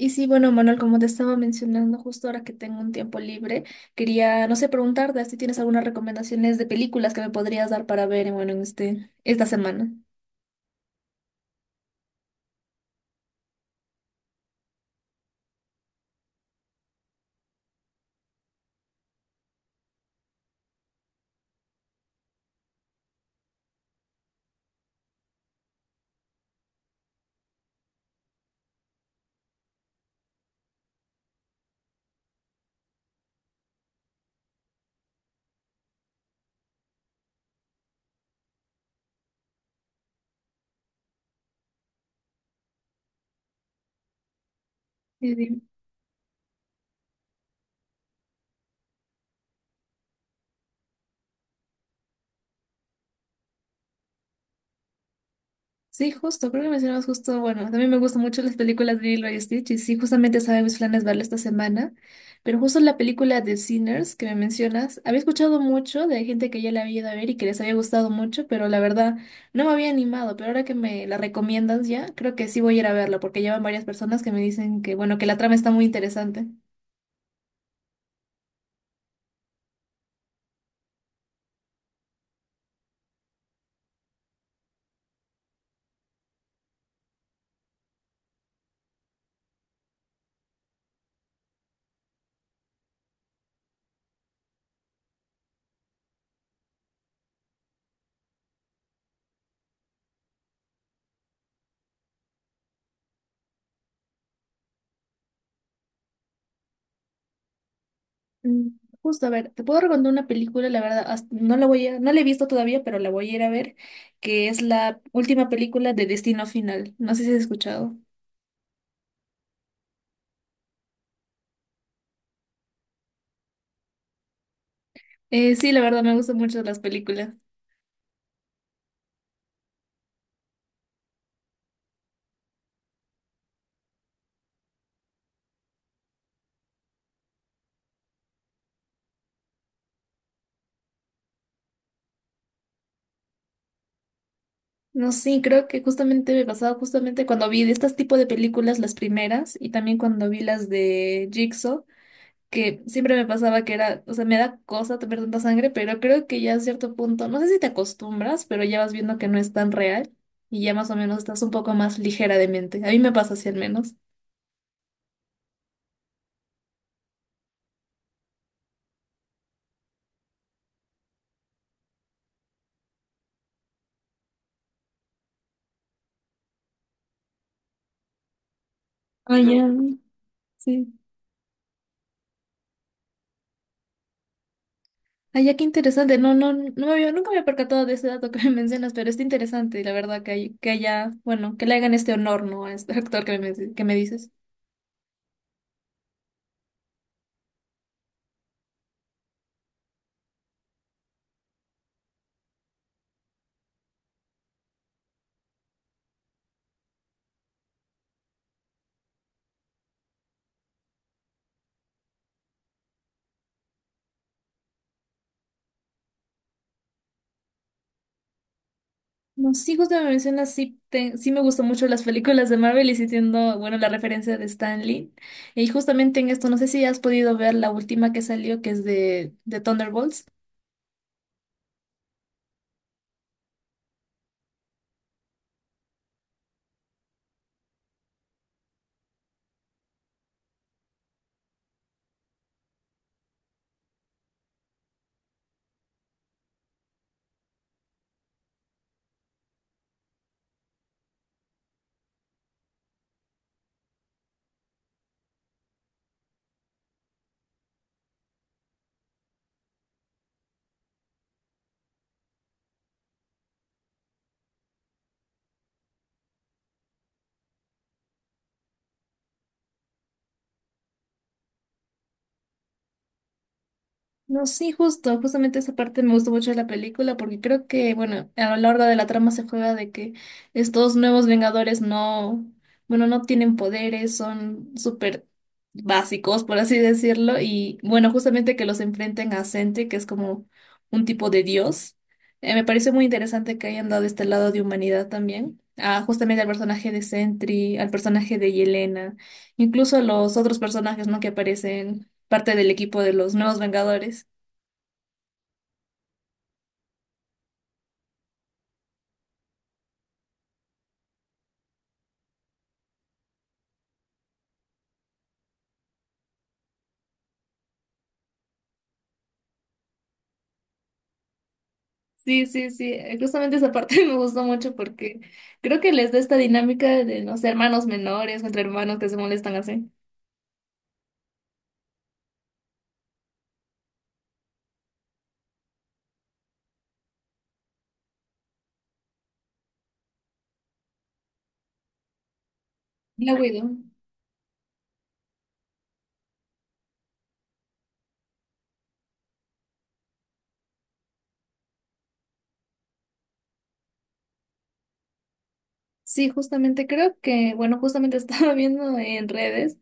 Y sí, bueno, Manuel, como te estaba mencionando, justo ahora que tengo un tiempo libre, quería, no sé, preguntarte si tienes algunas recomendaciones de películas que me podrías dar para ver, bueno, en esta semana. Sí, dime. Sí, justo, creo que mencionabas justo, bueno, también me gustan mucho las películas de Lilo y Stitch y sí, justamente estaba en mis planes verla esta semana, pero justo la película de Sinners que me mencionas, había escuchado mucho de gente que ya la había ido a ver y que les había gustado mucho, pero la verdad no me había animado, pero ahora que me la recomiendas ya, creo que sí voy a ir a verla porque llevan varias personas que me dicen que, bueno, que la trama está muy interesante. Mm. Justo, a ver, te puedo recomendar una película, la verdad, no la voy a, no la he visto todavía, pero la voy a ir a ver, que es la última película de Destino Final. No sé si has escuchado. Sí, la verdad, me gustan mucho las películas. No, sí, creo que justamente me pasaba justamente cuando vi de este tipo de películas, las primeras, y también cuando vi las de Jigsaw, que siempre me pasaba que era, o sea, me da cosa tomar tanta sangre, pero creo que ya a cierto punto, no sé si te acostumbras, pero ya vas viendo que no es tan real y ya más o menos estás un poco más ligera de mente. A mí me pasa así al menos. Ah, ya. Sí. Ay, ya qué interesante. No me había, nunca me había percatado de ese dato que me mencionas, pero está interesante, la verdad, que hay, que haya, bueno, que le hagan este honor, ¿no? A este actor que me dices. No, sí, justo me mencionas, sí, sí me gustan mucho las películas de Marvel y sí entiendo, bueno, la referencia de Stan Lee. Y justamente en esto, no sé si has podido ver la última que salió, que es de Thunderbolts. No, sí, justo, justamente esa parte me gustó mucho de la película porque creo que, bueno, a lo largo de la trama se juega de que estos nuevos Vengadores no, bueno, no tienen poderes, son súper básicos, por así decirlo, y bueno, justamente que los enfrenten a Sentry, que es como un tipo de dios. Me pareció muy interesante que hayan dado este lado de humanidad también, a, justamente al personaje de Sentry, al personaje de Yelena, incluso a los otros personajes, ¿no? que aparecen parte del equipo de los Nuevos Vengadores. Sí, sí, sí, justamente esa parte me gustó mucho porque creo que les da esta dinámica de, no sé, hermanos menores o entre hermanos que se molestan así. La Widow. Sí, justamente creo que, bueno, justamente estaba viendo en redes,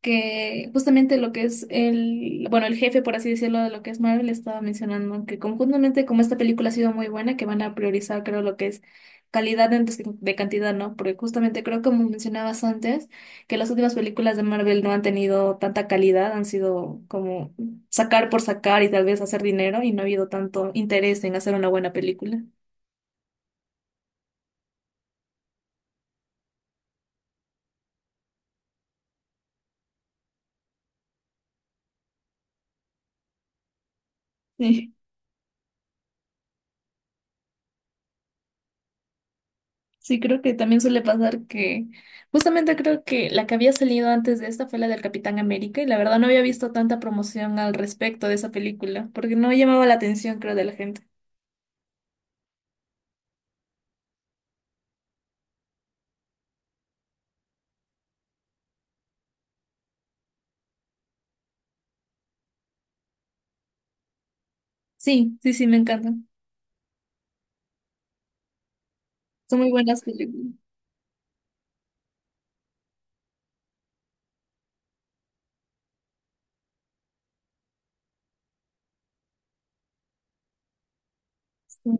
que justamente lo que es el, bueno, el jefe, por así decirlo, de lo que es Marvel, estaba mencionando que conjuntamente como esta película ha sido muy buena, que van a priorizar, creo, lo que es calidad de cantidad, ¿no? Porque justamente creo, como mencionabas antes, que las últimas películas de Marvel no han tenido tanta calidad, han sido como sacar por sacar y tal vez hacer dinero y no ha habido tanto interés en hacer una buena película. Sí, creo que también suele pasar que justamente creo que la que había salido antes de esta fue la del Capitán América y la verdad no había visto tanta promoción al respecto de esa película porque no llamaba la atención creo de la gente. Sí, sí, sí, me encantan. Son muy buenas películas. Sí.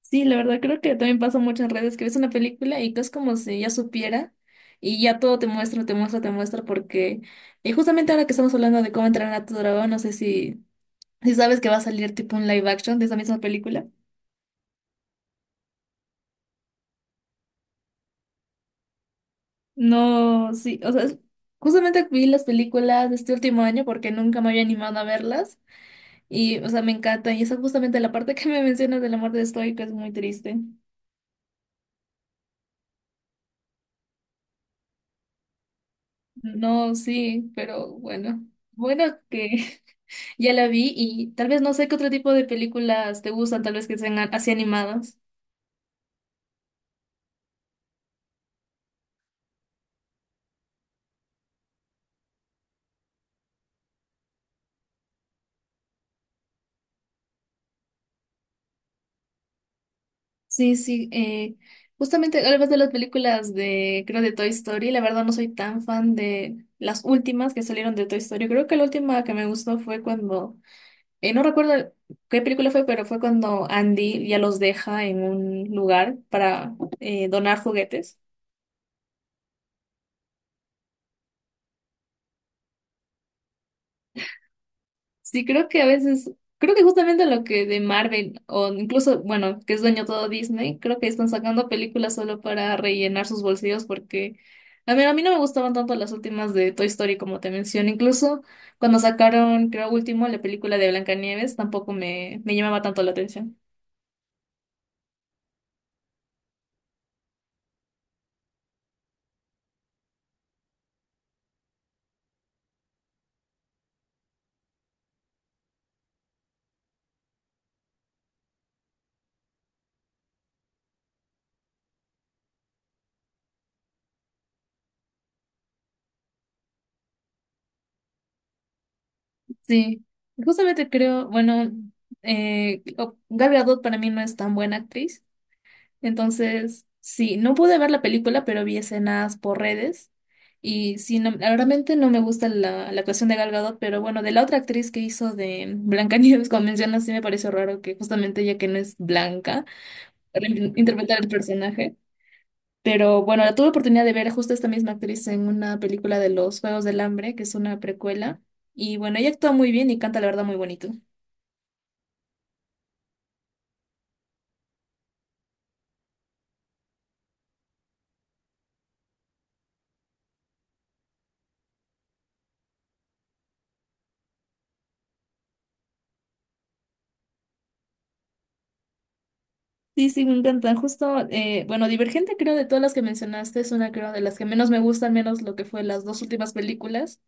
Sí, la verdad creo que también pasa mucho en redes que ves una película y que es como si ya supiera y ya todo te muestra, te muestra, te muestra porque y justamente ahora que estamos hablando de cómo entrenar a tu dragón, no sé si, si sabes que va a salir tipo un live action de esa misma película. No, sí, o sea, justamente vi las películas de este último año porque nunca me había animado a verlas y, o sea, me encanta y esa es justamente la parte que me mencionas de la muerte de Stoico es muy triste. No, sí, pero bueno, bueno que ya la vi y tal vez no sé qué otro tipo de películas te gustan, tal vez que sean así animadas. Sí, sí, justamente hablas de las películas de, creo, de Toy Story, la verdad no soy tan fan de las últimas que salieron de Toy Story, creo que la última que me gustó fue cuando no recuerdo qué película fue, pero fue cuando Andy ya los deja en un lugar para donar juguetes. Sí, creo que a veces, creo que justamente lo que de Marvel, o incluso, bueno, que es dueño todo Disney, creo que están sacando películas solo para rellenar sus bolsillos porque, a ver, a mí no me gustaban tanto las últimas de Toy Story como te mencioné. Incluso cuando sacaron, creo último, la película de Blancanieves, tampoco me, me llamaba tanto la atención. Sí, justamente creo, bueno, Gal Gadot para mí no es tan buena actriz, entonces sí, no pude ver la película, pero vi escenas por redes y sí, no, realmente no me gusta la, la actuación de Gal Gadot, pero bueno, de la otra actriz que hizo de Blancanieves, como mencionas, sí me pareció raro que justamente ella que no es blanca, para interpretar el personaje. Pero bueno, la tuve oportunidad de ver justo esta misma actriz en una película de Los Juegos del Hambre, que es una precuela. Y bueno, ella actúa muy bien y canta la verdad muy bonito. Sí, sí, me encantan. Justo, bueno, Divergente creo de todas las que mencionaste es una creo de las que menos me gusta, al menos lo que fue las dos últimas películas,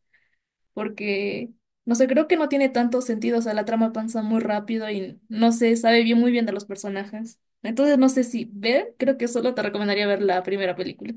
porque, no sé, creo que no tiene tanto sentido, o sea, la trama avanza muy rápido y no sé, sabe bien muy bien de los personajes. Entonces, no sé si ver, creo que solo te recomendaría ver la primera película.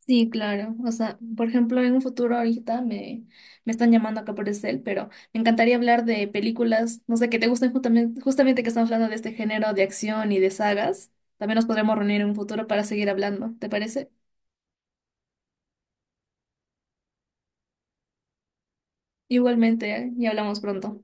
Sí, claro. O sea, por ejemplo, en un futuro ahorita me, me están llamando acá por el cel, pero me encantaría hablar de películas, no sé, que te gusten justamente, justamente que estamos hablando de este género de acción y de sagas. También nos podremos reunir en un futuro para seguir hablando, ¿te parece? Igualmente, ¿eh? Y hablamos pronto.